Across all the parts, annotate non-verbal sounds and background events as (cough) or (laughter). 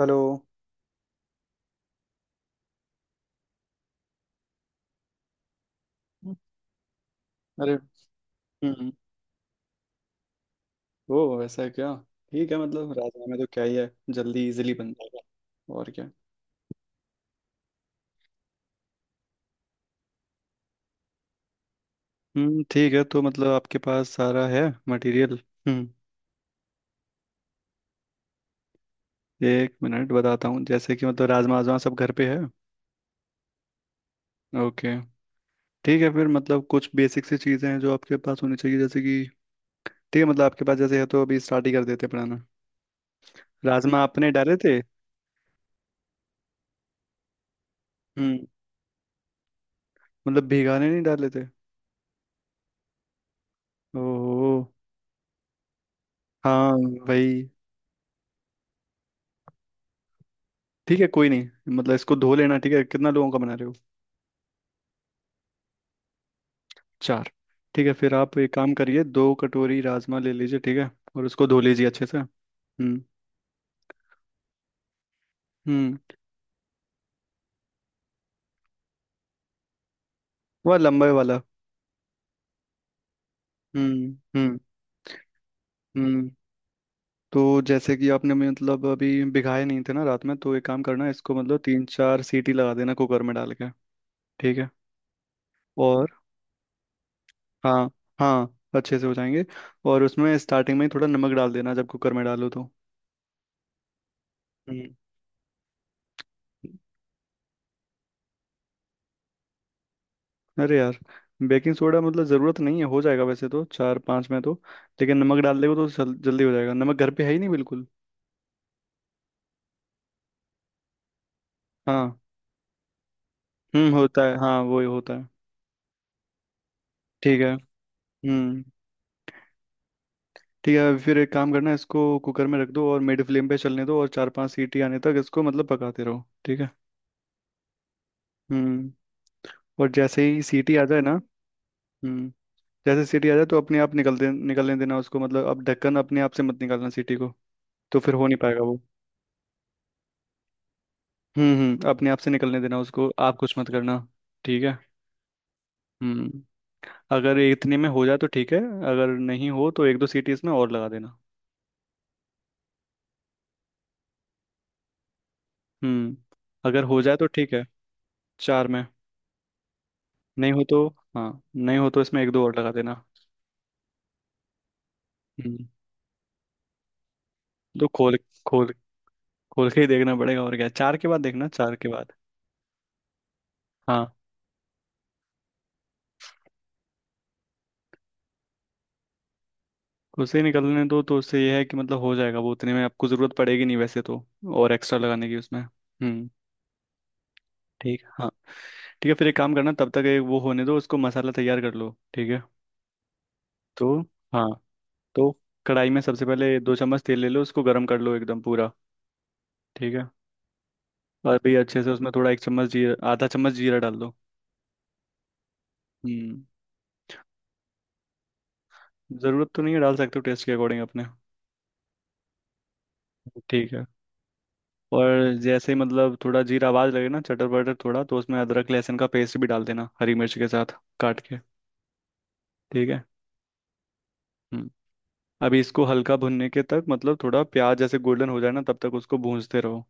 Hello. अरे। हम्म। ओ, ऐसा है क्या? ठीक है, मतलब राजमा में तो क्या ही है, जल्दी इजीली बन जाएगा और क्या। हम्म, ठीक है, तो मतलब आपके पास सारा है मटेरियल? हम्म, एक मिनट बताता हूँ। जैसे कि मतलब राजमा वाजमा सब घर पे है? ओके। ठीक है, फिर मतलब कुछ बेसिक सी चीज़ें हैं जो आपके पास होनी चाहिए जैसे कि, ठीक है मतलब आपके पास जैसे है तो अभी स्टार्ट ही कर देते हैं बनाना। राजमा आपने डाले थे? हम्म, मतलब भिगाने नहीं डाले थे? ओहो। हाँ। भाई। ठीक है, कोई नहीं, मतलब इसको धो लेना। ठीक है, कितना लोगों का बना रहे हो? चार? ठीक है, फिर आप एक काम करिए, दो कटोरी राजमा ले लीजिए, ठीक है, और उसको धो लीजिए अच्छे से। हम्म। हम्म। वह लंबे वाला। हम्म। हम्म। हम्म। तो जैसे कि आपने मतलब अभी भिगाए नहीं थे ना रात में, तो एक काम करना, इसको मतलब तीन चार सीटी लगा देना कुकर में डाल के। ठीक है। और हाँ, हाँ अच्छे से हो जाएंगे। और उसमें स्टार्टिंग में ही थोड़ा नमक डाल देना जब कुकर में डालो तो। हम्म। अरे यार, बेकिंग सोडा मतलब ज़रूरत नहीं है, हो जाएगा वैसे तो चार पाँच में तो। लेकिन नमक डाल देगा तो जल्दी हो जाएगा। नमक घर पे है ही नहीं बिल्कुल? हाँ। हम्म, होता है, हाँ वो ही होता है। ठीक है। हम्म। ठीक है, फिर एक काम करना, इसको कुकर में रख दो और मिड फ्लेम पे चलने दो और चार पांच सीटी आने तक इसको मतलब पकाते रहो, ठीक है। हम्म। और जैसे ही सीटी आ जाए ना। हम्म। जैसे सीटी आ जाए तो अपने आप निकल दे, निकलने देना उसको, मतलब अब ढक्कन अपने आप से मत निकालना सीटी को, तो फिर हो नहीं पाएगा वो। हम्म, हम्म, अपने आप से निकलने देना उसको, आप कुछ मत करना। ठीक है। हम्म। अगर इतने में हो जाए तो ठीक है, अगर नहीं हो तो एक दो सीटी इसमें और लगा देना। हम्म, अगर हो जाए तो ठीक है। चार में नहीं हो तो, हाँ नहीं हो तो इसमें एक दो और लगा देना। हम्म। तो खोल, खोल, खोल के ही देखना पड़ेगा और क्या, चार के बाद देखना, चार के बाद। हाँ। उसे निकलने दो, तो उससे यह है कि मतलब हो जाएगा वो उतने में, आपको ज़रूरत पड़ेगी नहीं वैसे तो और एक्स्ट्रा लगाने की उसमें। हम्म। ठीक है, हाँ। ठीक है, फिर एक काम करना, तब तक एक वो होने दो उसको, मसाला तैयार कर लो, ठीक है। तो हाँ, तो कढ़ाई में सबसे पहले दो चम्मच तेल ले लो, उसको गर्म कर लो एकदम पूरा। ठीक है। और भी अच्छे से उसमें थोड़ा एक चम्मच जीरा, आधा चम्मच जीरा डाल दो। हम्म, ज़रूरत तो नहीं है, डाल सकते हो टेस्ट के अकॉर्डिंग अपने। ठीक है। और जैसे ही मतलब थोड़ा जीरा आवाज लगे ना चटर बटर थोड़ा, तो उसमें अदरक लहसुन का पेस्ट भी डाल देना हरी मिर्च के साथ काट के। ठीक है। हम्म। अभी इसको हल्का भुनने के तक मतलब थोड़ा प्याज जैसे गोल्डन हो जाए ना तब तक उसको भूनते रहो।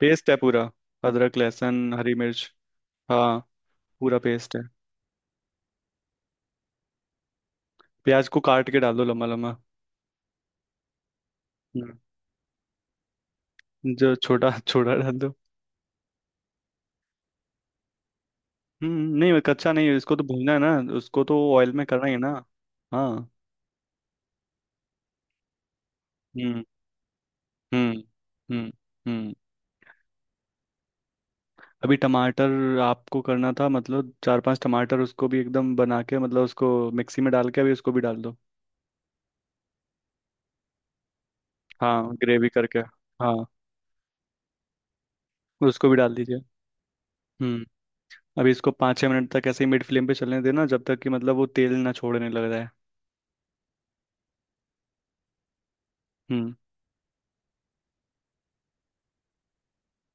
पेस्ट है पूरा। अदरक लहसुन हरी मिर्च। हाँ, पूरा पेस्ट है। प्याज को काट के डाल दो लम्बा लम्बा। हम्म, जो छोटा छोटा डाल दो। नहीं, कच्चा नहीं है, इसको तो भूनना है ना, उसको तो ऑयल में करना ही है ना। हाँ। हम्म। हम्म। हम्म। हम्म। अभी टमाटर आपको करना था, मतलब चार पांच टमाटर उसको भी एकदम बना के मतलब उसको मिक्सी में डाल के अभी उसको भी डाल दो। हाँ, ग्रेवी करके। हाँ, उसको भी डाल दीजिए। हम्म। अभी इसको पाँच छः मिनट तक ऐसे ही मिड फ्लेम पे चलने देना जब तक कि मतलब वो तेल ना छोड़ने लग रहा है। हम्म,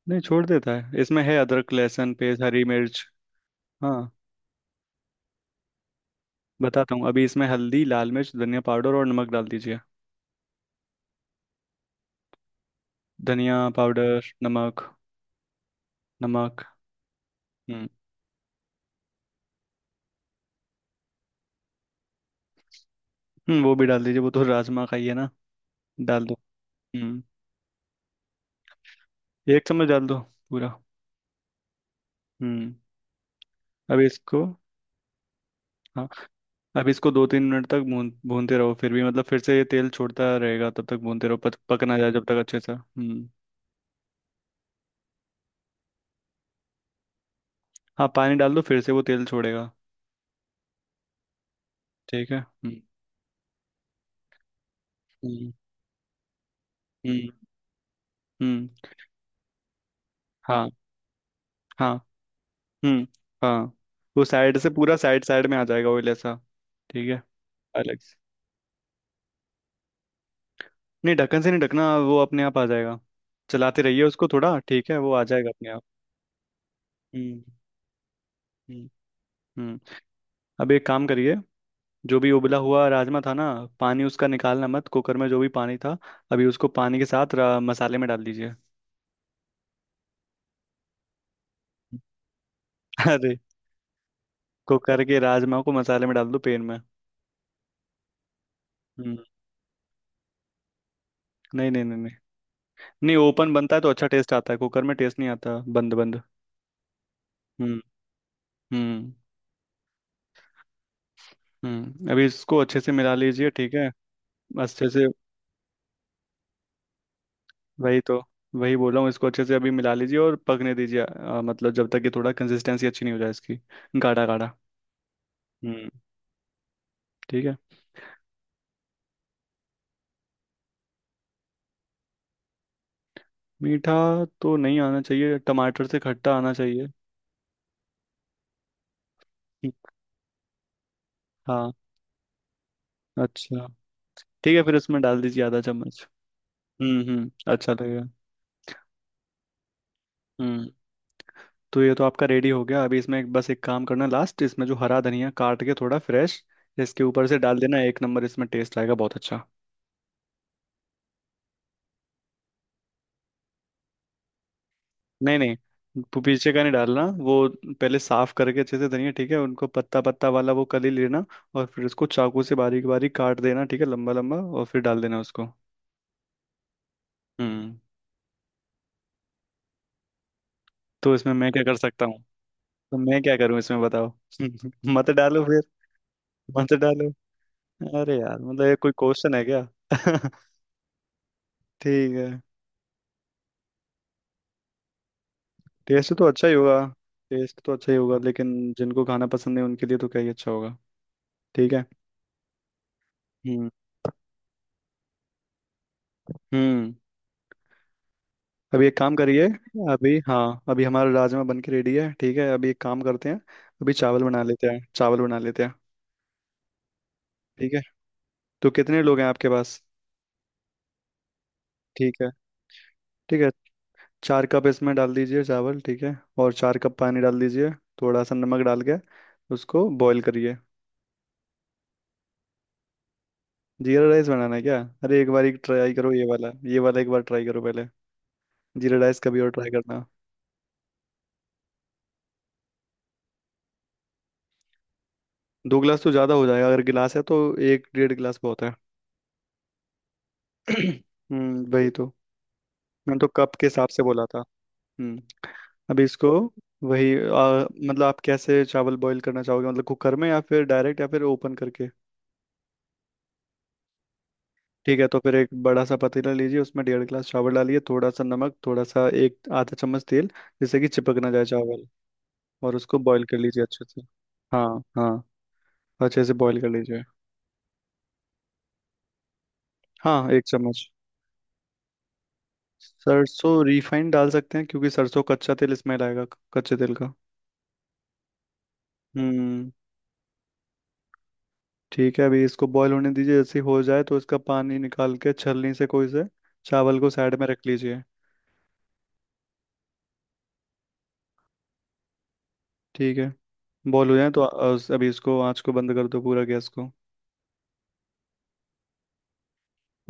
नहीं छोड़ देता है, इसमें है अदरक लहसुन पेस्ट हरी मिर्च। हाँ, बताता हूँ। अभी इसमें हल्दी, लाल मिर्च, धनिया पाउडर और नमक डाल दीजिए। धनिया पाउडर, नमक। नमक। हम्म। हम्म, वो भी डाल दीजिए, वो तो राजमा का ही है ना। डाल दो। हम्म, एक चम्मच डाल दो पूरा। हम्म। अभी इसको, हाँ अब इसको दो तीन मिनट तक भून भूनते रहो, फिर भी मतलब फिर से ये तेल छोड़ता रहेगा, तब तक भूनते रहो पक पक ना जाए जब तक अच्छे से। हम्म। हाँ, पानी डाल दो, फिर से वो तेल छोड़ेगा। ठीक है। हम्म। हम्म। हम्म। हम्म, हाँ हाँ। हम्म। हाँ वो साइड से पूरा साइड साइड में आ जाएगा ऑयल ऐसा। ठीक है। अलग से। नहीं, ढक्कन से नहीं ढकना, वो अपने आप आ जाएगा। चलाते रहिए उसको थोड़ा, ठीक है, वो आ जाएगा अपने आप। हम्म। हम्म। हम्म। अब एक काम करिए, जो भी उबला हुआ राजमा था ना, पानी उसका निकालना मत, कुकर में जो भी पानी था अभी उसको पानी के साथ मसाले में डाल दीजिए। (laughs) अरे, कुकर के राजमा को मसाले में डाल दो, पेन में। हम्म। नहीं नहीं नहीं नहीं। नहीं, ओपन बनता है तो अच्छा टेस्ट आता है, कुकर में टेस्ट नहीं आता बंद बंद। हम्म। हम्म। हम्म, अभी इसको अच्छे से मिला लीजिए, ठीक है। अच्छे से, वही तो, वही बोल रहा हूँ, इसको अच्छे से अभी मिला लीजिए और पकने दीजिए, मतलब जब तक कि थोड़ा कंसिस्टेंसी अच्छी नहीं हो जाए इसकी, गाढ़ा गाढ़ा। हम्म। ठीक है। मीठा तो नहीं आना चाहिए, टमाटर से खट्टा आना चाहिए। हम्म, हाँ। अच्छा, ठीक है, फिर इसमें डाल दीजिए आधा चम्मच। हम्म, अच्छा लगेगा। हम्म। तो ये तो आपका रेडी हो गया, अभी इसमें बस एक काम करना लास्ट, इसमें जो हरा धनिया काट के थोड़ा फ्रेश इसके ऊपर से डाल देना, एक नंबर इसमें टेस्ट आएगा बहुत अच्छा। नहीं नहीं, पीछे का नहीं डालना वो। पहले साफ करके अच्छे से धनिया, ठीक है, उनको पत्ता पत्ता वाला वो कली लेना और फिर उसको चाकू से बारीक बारीक काट देना, ठीक है, लंबा लंबा, और फिर डाल देना उसको। हम्म। तो इसमें मैं क्या कर सकता हूँ? तो मैं क्या करूँ इसमें बताओ? (laughs) मत डालो फिर। मत डालो। अरे यार, मतलब ये कोई क्वेश्चन है क्या? (laughs) ठीक है। टेस्ट तो अच्छा ही होगा, टेस्ट तो अच्छा ही होगा लेकिन जिनको खाना पसंद है उनके लिए तो क्या ही अच्छा होगा। ठीक है। हम्म। हम्म। अभी एक काम करिए, अभी हाँ अभी हमारा राजमा बन के रेडी है, ठीक है, अभी एक काम करते हैं, अभी चावल बना लेते हैं, चावल बना लेते हैं। ठीक है। तो कितने लोग हैं आपके पास? ठीक है। ठीक है। चार कप इसमें डाल दीजिए चावल, ठीक है, और चार कप पानी डाल दीजिए, थोड़ा सा नमक डाल के उसको बॉईल करिए। जीरा राइस बनाना है क्या? अरे एक बार एक ट्राई करो ये वाला, ये वाला एक बार ट्राई करो पहले, जीरा राइस कभी और ट्राई करना। दो गिलास तो ज़्यादा हो जाएगा, अगर गिलास है तो एक 1.5 गिलास बहुत है। (clears throat) हम्म, वही तो, मैंने तो कप के हिसाब से बोला था। हम्म। अभी इसको, वही मतलब आप कैसे चावल बॉईल करना चाहोगे, मतलब कुकर में या फिर डायरेक्ट या फिर ओपन करके? ठीक है, तो फिर एक बड़ा सा पतीला लीजिए, उसमें 1.5 गिलास चावल डालिए, थोड़ा सा नमक, थोड़ा सा एक आधा चम्मच तेल जिससे कि चिपक ना जाए चावल, और उसको बॉईल कर लीजिए अच्छे से। हाँ, हाँ, अच्छे से बॉईल कर लीजिए। हाँ एक चम्मच। सरसों रिफाइंड डाल सकते हैं, क्योंकि सरसों कच्चा तेल इसमें रहेगा, कच्चे तेल का। हम्म। ठीक है, अभी इसको बॉईल होने दीजिए, जैसे ही हो जाए तो इसका पानी निकाल के छलनी से कोई से, चावल को साइड में रख लीजिए। ठीक है। बॉईल हो जाए तो अभी इसको आँच को बंद कर दो पूरा, गैस को।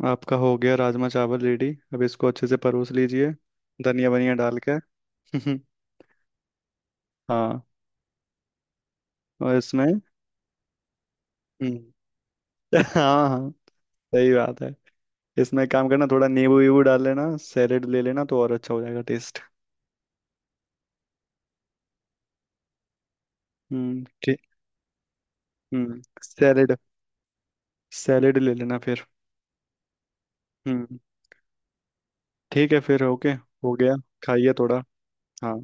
आपका हो गया राजमा चावल रेडी, अब इसको अच्छे से परोस लीजिए, धनिया वनिया डाल के। (laughs) हाँ, और इसमें। हम्म। (laughs) हाँ हाँ, सही बात है। इसमें एक काम करना, थोड़ा नींबू वीबू डाल लेना, सैलेड ले लेना तो और अच्छा हो जाएगा टेस्ट। ठीक। हम्म, सैलेड, सैलेड ले लेना फिर। हम्म, ठीक है फिर, ओके। हो गया, खाइए थोड़ा, हाँ,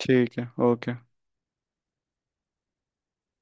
ठीक है, ओके।